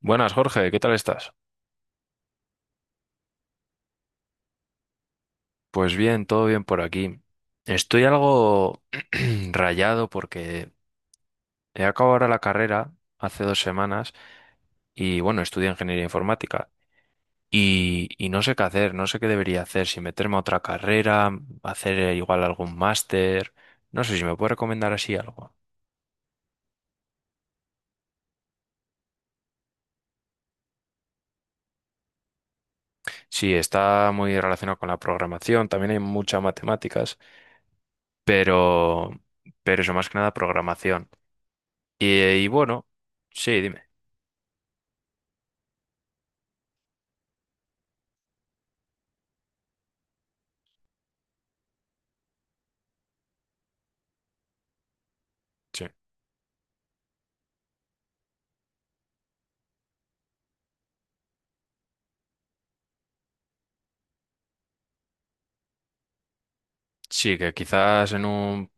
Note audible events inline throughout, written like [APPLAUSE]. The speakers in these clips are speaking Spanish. Buenas, Jorge, ¿qué tal estás? Pues bien, todo bien por aquí. Estoy algo [CLEARS THROAT] rayado porque he acabado ahora la carrera hace dos semanas y bueno, estudio ingeniería informática y no sé qué hacer, no sé qué debería hacer, si meterme a otra carrera, hacer igual algún máster, no sé si me puede recomendar así algo. Sí, está muy relacionado con la programación, también hay muchas matemáticas, pero, pero eso más que nada programación. Y bueno, sí, dime. Sí. Sí, que quizás en un...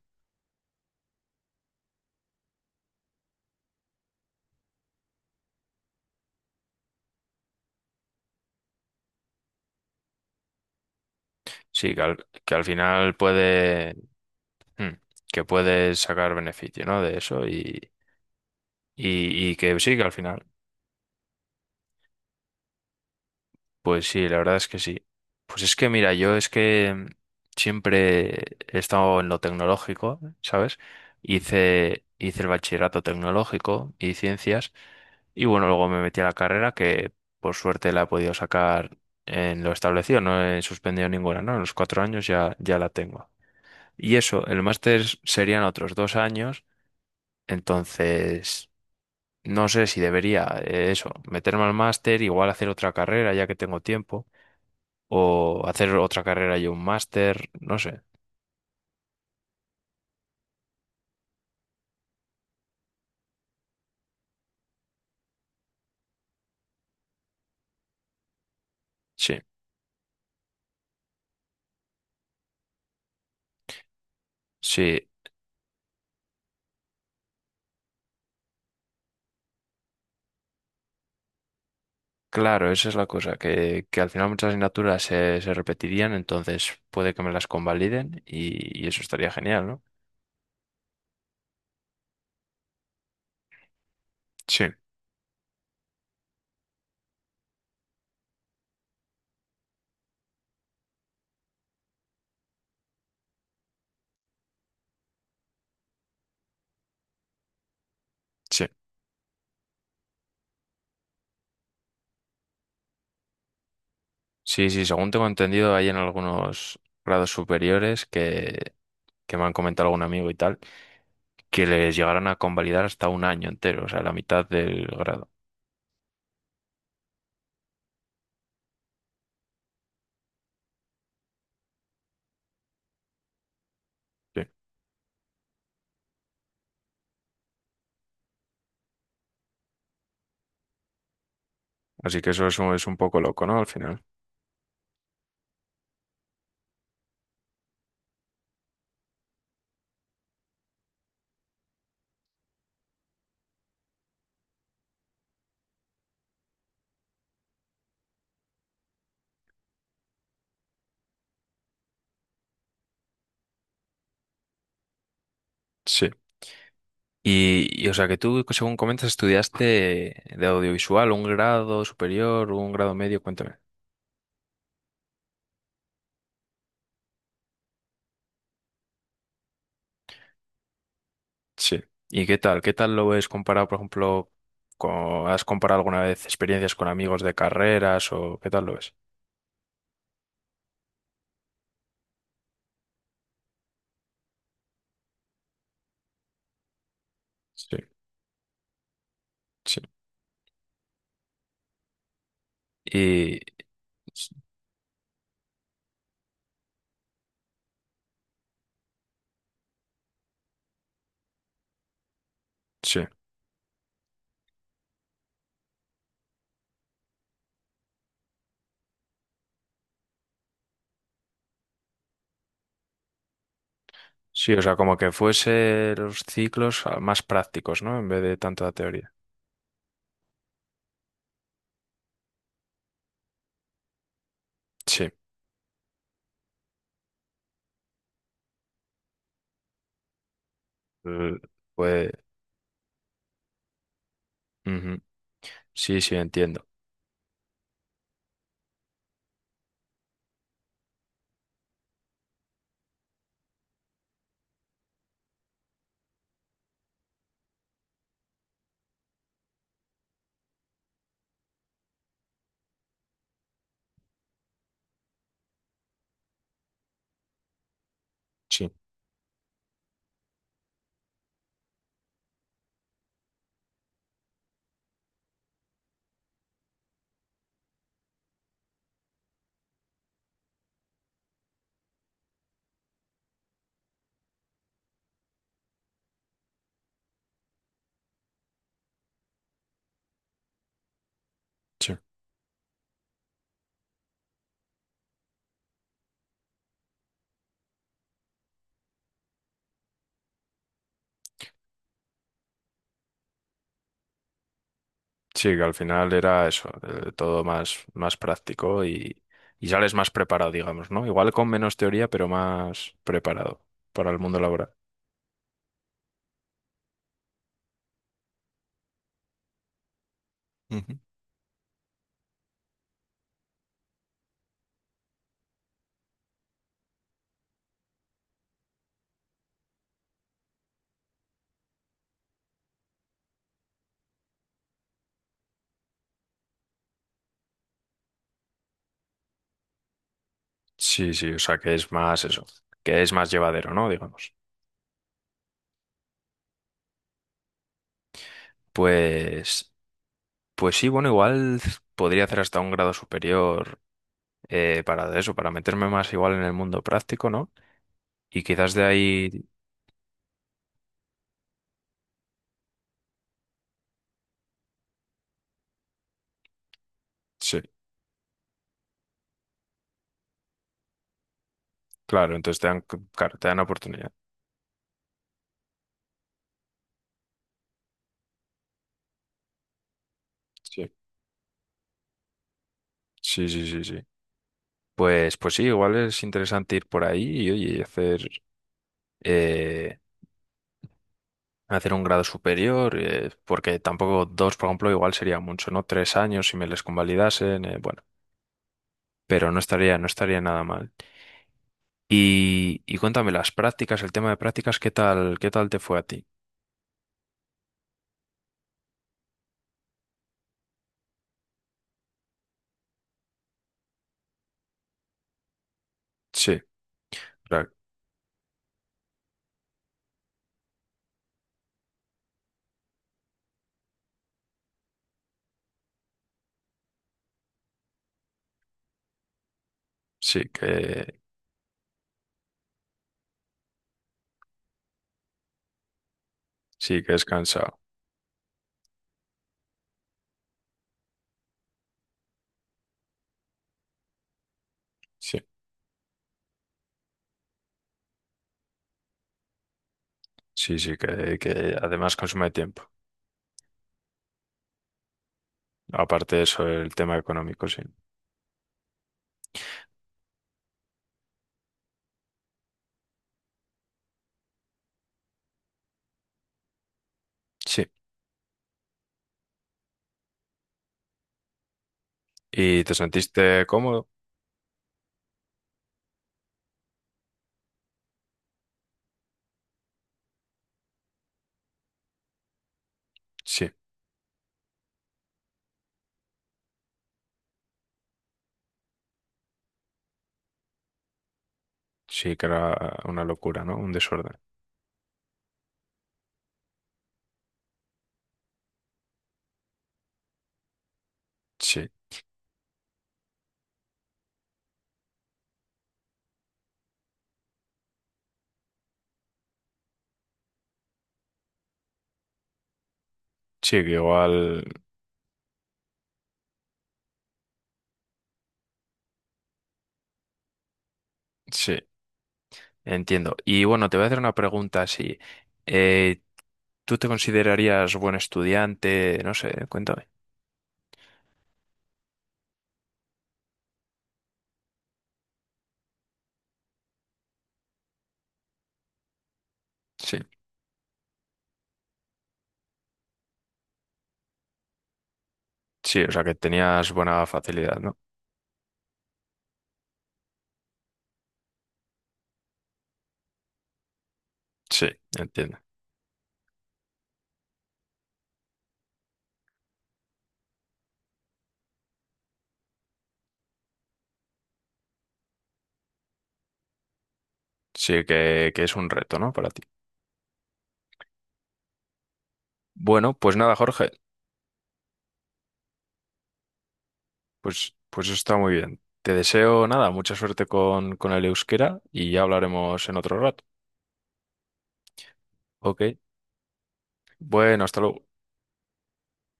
Sí, que al final puede... mm, que puedes sacar beneficio, ¿no? De eso y que sí, que al final. Pues sí, la verdad es que sí. Pues es que mira, yo es que siempre he estado en lo tecnológico, ¿sabes? Hice el bachillerato tecnológico y ciencias y bueno, luego me metí a la carrera que por suerte la he podido sacar en lo establecido, no he suspendido ninguna, ¿no? En los cuatro años ya la tengo. Y eso, el máster serían otros dos años, entonces no sé si debería eso, meterme al máster, igual hacer otra carrera ya que tengo tiempo, o hacer otra carrera y un máster, no sé. Sí, sí, claro, esa es la cosa, que al final muchas asignaturas se repetirían, entonces puede que me las convaliden y eso estaría genial, ¿no? Sí, sí. Sí, sí, según tengo entendido, hay en algunos grados superiores que me han comentado algún amigo y tal que les llegaran a convalidar hasta un año entero, o sea, la mitad del grado. Sí. Así que eso es un poco loco, ¿no? Al final. Sí. O sea, que tú, según comentas, estudiaste de audiovisual, un grado superior, un grado medio, cuéntame. Sí. ¿Y qué tal? ¿Qué tal lo ves comparado, por ejemplo, con, has comparado alguna vez experiencias con amigos de carreras o qué tal lo ves? Sí, sí, Y sí, sí, o sea, como que fuese los ciclos ah, más prácticos, ¿no? En vez de tanta teoría. Sí. eh, pues, ujú. Sí, sí, entiendo. Sí, sí. Sí, que al final era eso, todo más, más práctico y sales más preparado, digamos, ¿no? Igual con menos teoría, pero más preparado para el mundo laboral. Ujú. Sí, sí, o sea, que es más eso, que es más llevadero, ¿no? Digamos. Pues, pues sí, bueno, igual podría hacer hasta un grado superior para eso, para meterme más igual en el mundo práctico, ¿no? Y quizás de ahí, sí, claro, entonces te dan, claro, te dan oportunidad. Sí, sí, sí, sí, sí. Pues, pues sí, igual es interesante ir por ahí y, oye, y hacer, eh, hacer un grado superior, porque tampoco dos, por ejemplo, igual sería mucho, ¿no? Tres años si me les convalidasen, bueno, pero no estaría, no estaría nada mal. Y cuéntame las prácticas, el tema de prácticas, qué tal te fue a ti? Sí, claro, sí que, sí que es cansado. Sí, sí, sí, que además consume tiempo. Aparte de eso, el tema económico, sí. Sí. ¿Y te sentiste cómodo? Sí, sí que era una locura, ¿no? Un desorden. Sí, sí, que igual, sí, entiendo. Y bueno, te voy a hacer una pregunta así. Eh, ¿Tú te considerarías buen estudiante? No sé, cuéntame. Sí, sí, o sea que tenías buena facilidad, ¿no? Sí, entiendo. Sí, que es un reto, ¿no? Para ti. Bueno, pues nada, Jorge, pues, pues eso está muy bien. Te deseo nada, mucha suerte con el euskera y ya hablaremos en otro rato. Ok. Bueno, hasta luego.